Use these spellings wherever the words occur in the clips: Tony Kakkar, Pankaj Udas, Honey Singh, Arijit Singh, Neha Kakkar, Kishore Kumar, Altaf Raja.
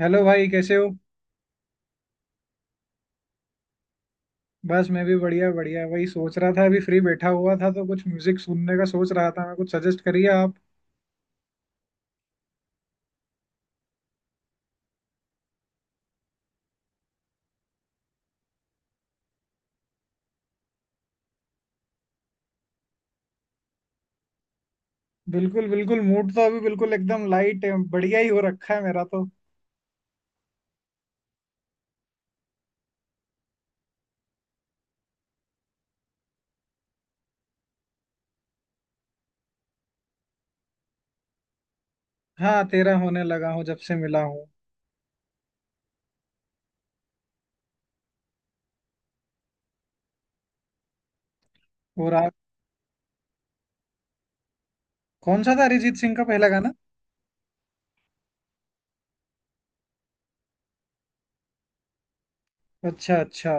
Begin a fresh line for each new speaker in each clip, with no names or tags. Hello भाई, कैसे हो? बस, मैं भी बढ़िया बढ़िया। वही सोच रहा था, अभी फ्री बैठा हुआ था तो कुछ म्यूजिक सुनने का सोच रहा था। मैं कुछ, सजेस्ट करिए आप। बिल्कुल बिल्कुल, मूड तो अभी बिल्कुल एकदम लाइट है, बढ़िया ही हो रखा है मेरा तो। हाँ, तेरा होने लगा हूँ, जब से मिला हूँ। और आप? कौन सा था अरिजीत सिंह का पहला गाना? अच्छा अच्छा।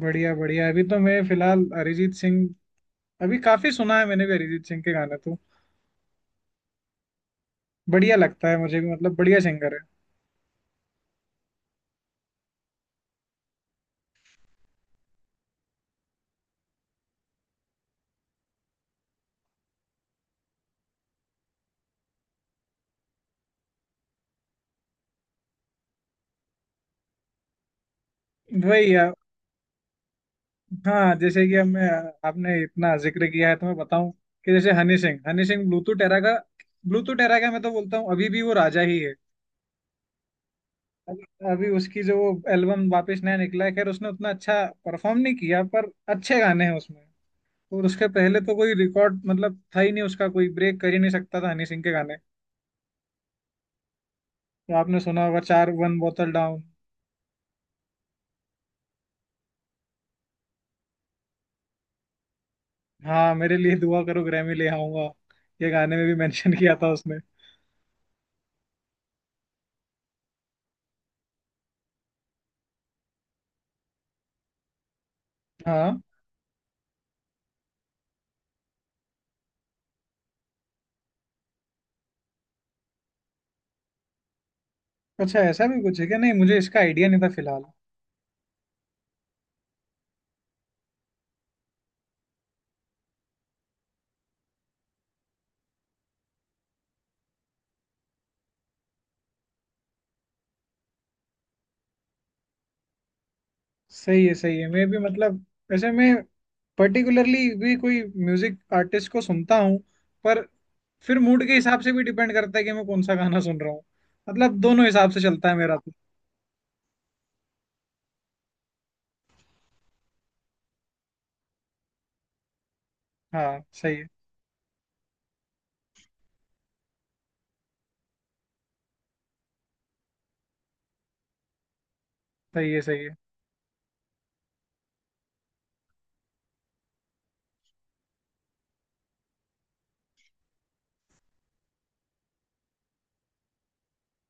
बढ़िया बढ़िया। अभी तो मैं फिलहाल अरिजीत सिंह, अभी काफी सुना है मैंने भी अरिजीत सिंह के गाने तो। बढ़िया लगता है मुझे भी, मतलब बढ़िया सिंगर है, वही है। हाँ, जैसे कि हमने, आपने इतना जिक्र किया है तो मैं बताऊं कि जैसे हनी सिंह। हनी सिंह ब्लूटूथ एरा का, ब्लूटूथ एरा का मैं तो बोलता हूँ, अभी भी वो राजा ही है। अभी, अभी उसकी जो वो एल्बम वापस नया निकला है, खैर उसने उतना अच्छा परफॉर्म नहीं किया, पर अच्छे गाने हैं उसमें। और उसके पहले तो कोई रिकॉर्ड, मतलब था ही नहीं उसका, कोई ब्रेक कर ही नहीं सकता था हनी सिंह के गाने। तो आपने सुना होगा चार वन बोतल डाउन। हाँ, मेरे लिए दुआ करो, ग्रैमी ले आऊंगा। ये गाने में भी मेंशन किया था उसने। हाँ। अच्छा, ऐसा भी कुछ है क्या? नहीं, मुझे इसका आइडिया नहीं था फिलहाल। सही है सही है। मैं भी, मतलब, वैसे मैं पर्टिकुलरली भी कोई म्यूजिक आर्टिस्ट को सुनता हूँ, पर फिर मूड के हिसाब से भी डिपेंड करता है कि मैं कौन सा गाना सुन रहा हूँ। मतलब दोनों हिसाब से चलता है मेरा तो। हाँ, सही है। सही है सही है।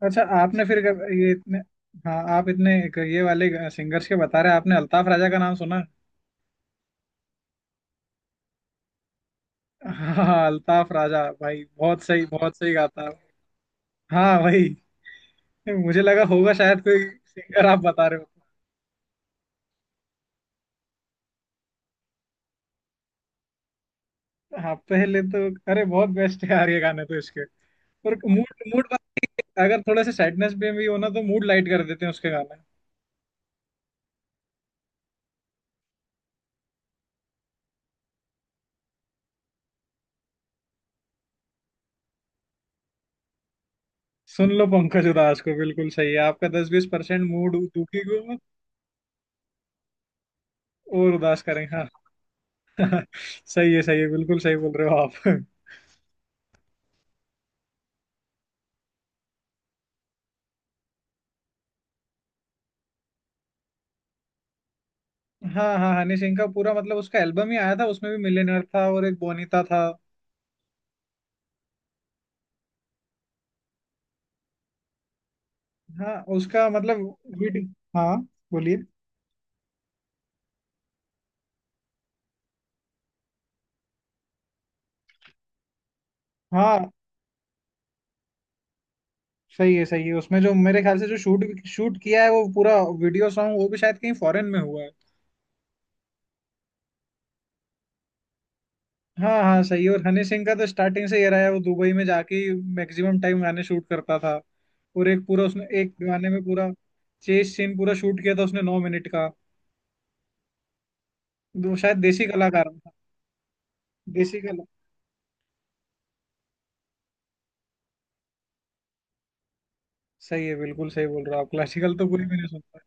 अच्छा, आपने फिर ये इतने। हाँ, आप इतने एक ये वाले सिंगर्स के बता रहे हैं, आपने अल्ताफ राजा का नाम सुना? हाँ, अल्ताफ राजा भाई बहुत सही, बहुत सही गाता है। हाँ भाई। मुझे लगा होगा शायद कोई सिंगर आप बता रहे हो। हाँ, पहले तो अरे बहुत बेस्ट है यार, ये गाने तो इसके। और मूड, मूड अगर थोड़ा सा सैडनेस में भी हो ना, तो मूड लाइट कर देते हैं उसके गाने। सुन लो पंकज उदास को, बिल्कुल सही है। आपका 10-20% मूड दुखी को और उदास करेंगे। हाँ। सही है सही है, बिल्कुल सही बोल रहे हो आप। हाँ हाँ, हनी सिंह का पूरा मतलब उसका एल्बम ही आया था, उसमें भी मिलियनेयर था और एक बोनीता था। हाँ, उसका मतलब वीडियो। हाँ, बोलिए। हाँ, सही है सही है। उसमें जो मेरे ख्याल से जो शूट शूट किया है वो पूरा वीडियो सॉन्ग, वो भी शायद कहीं फॉरेन में हुआ है। हाँ हाँ सही है। और हनी सिंह का तो स्टार्टिंग से ये रहा है, वो दुबई में जाके मैक्सिमम टाइम गाने शूट करता था। और एक पूरा उसने एक गाने में पूरा चेस सीन पूरा शूट किया था उसने 9 मिनट का। वो शायद देसी कलाकार था। देसी कला सही है, बिल्कुल सही बोल रहे हो आप। क्लासिकल तो कोई भी नहीं सुनता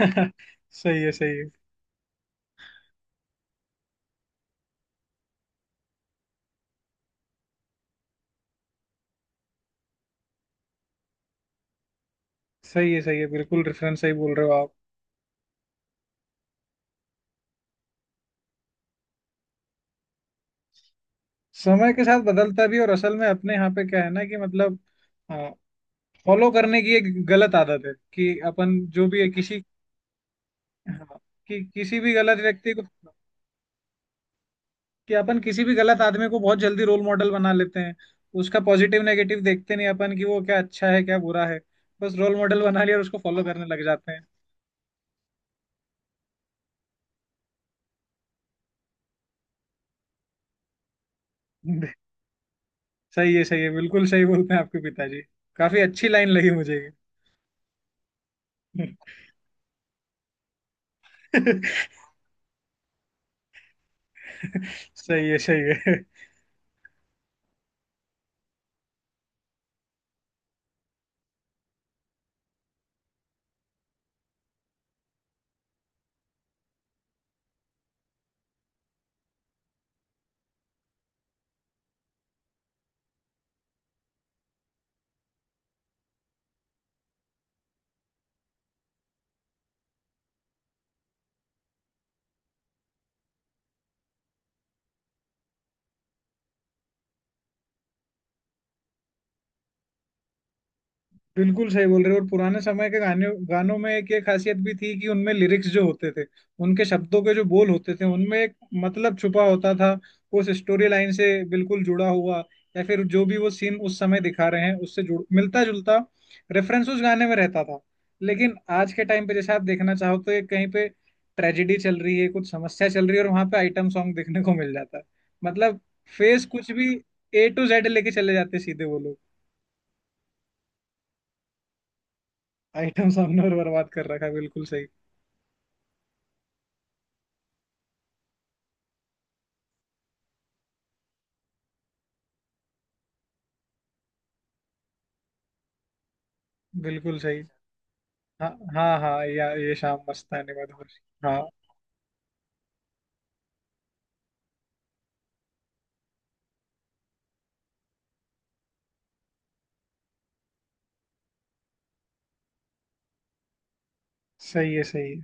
है। सही है सही है। सही है सही है, बिल्कुल रेफरेंस सही बोल रहे हो आप। समय के साथ बदलता भी, और असल में अपने यहाँ पे क्या है ना, कि मतलब हाँ, फॉलो करने की एक गलत आदत है कि अपन जो भी है किसी, हाँ, कि किसी भी गलत व्यक्ति को, कि अपन किसी भी गलत आदमी को बहुत जल्दी रोल मॉडल बना लेते हैं। उसका पॉजिटिव नेगेटिव देखते नहीं अपन कि वो क्या अच्छा है क्या बुरा है, बस रोल मॉडल बना लिया और उसको फॉलो करने लग जाते हैं। सही है सही है, बिल्कुल सही बोलते हैं आपके पिताजी, काफी अच्छी लाइन लगी मुझे। ये। सही है सही है। बिल्कुल सही बोल रहे हो। और पुराने समय के गाने, गानों में एक ये खासियत भी थी कि उनमें लिरिक्स जो होते थे, उनके शब्दों के जो बोल होते थे उनमें एक मतलब छुपा होता था, उस स्टोरी लाइन से बिल्कुल जुड़ा हुआ, या फिर जो भी वो सीन उस समय दिखा रहे हैं उससे जुड़, मिलता जुलता रेफरेंस उस गाने में रहता था। लेकिन आज के टाइम पे जैसे आप देखना चाहो तो एक कहीं पे ट्रेजेडी चल रही है, कुछ समस्या चल रही है, और वहां पे आइटम सॉन्ग देखने को मिल जाता है। मतलब, फेस कुछ भी, ए टू जेड लेके चले जाते सीधे वो लोग। आइटम सामने और बर्बाद कर रखा है, बिल्कुल सही। बिल्कुल सही। हाँ हाँ हाँ, या ये शाम मस्तानी मधुर। हाँ, सही है सही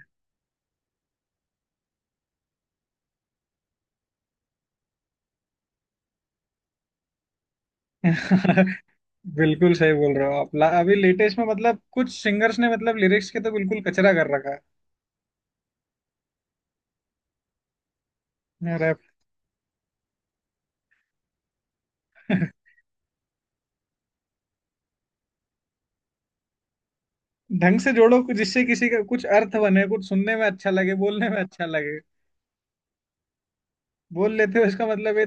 है। बिल्कुल सही बोल रहे हो आप। अभी लेटेस्ट में मतलब कुछ सिंगर्स ने मतलब लिरिक्स के तो बिल्कुल कचरा कर रखा है। रैप। ढंग से जोड़ो कुछ, जिससे किसी का कुछ अर्थ बने, कुछ सुनने में अच्छा लगे, बोलने में अच्छा लगे। बोल लेते हो इसका मतलब ये।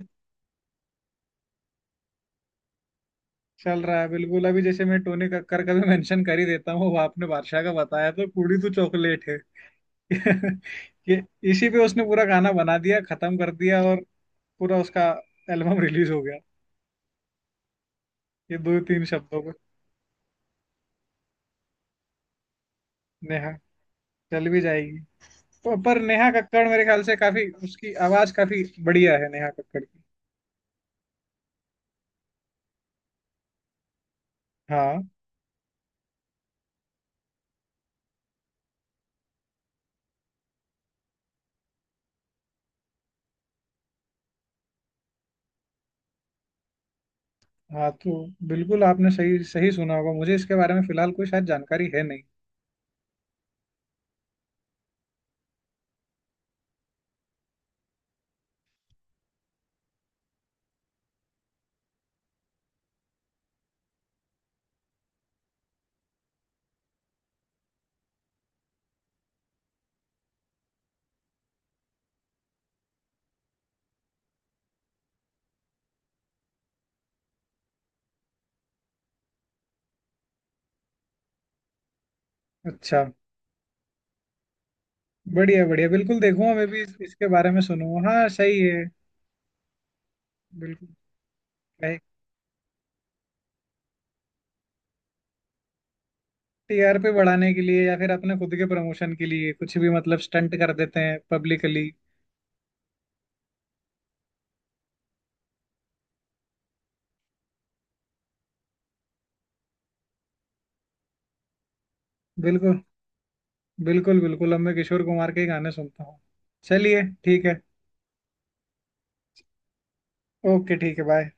चल रहा है बिल्कुल। अभी जैसे मैं टोनी कक्कर का भी मेंशन कर ही देता हूँ, वो आपने बादशाह का बताया तो कुड़ी तो चॉकलेट ये, इसी पे उसने पूरा गाना बना दिया, खत्म कर दिया, और पूरा उसका एल्बम रिलीज हो गया। ये दो तीन शब्दों को। नेहा, चल भी जाएगी। पर नेहा कक्कड़ मेरे ख्याल से काफी उसकी आवाज काफी बढ़िया है, नेहा कक्कड़ की। हाँ। हाँ तो बिल्कुल, आपने सही सही सुना होगा, मुझे इसके बारे में फिलहाल कोई शायद जानकारी है नहीं। अच्छा। बढ़िया बढ़िया, बिल्कुल देखूंगा मैं भी इसके बारे में सुनूंगा। हाँ सही है। बिल्कुल। टीआरपी बढ़ाने के लिए या फिर अपने खुद के प्रमोशन के लिए कुछ भी मतलब स्टंट कर देते हैं पब्लिकली। बिल्कुल बिल्कुल बिल्कुल। अब मैं किशोर कुमार के ही गाने सुनता हूँ। चलिए ठीक है। ओके ठीक है बाय।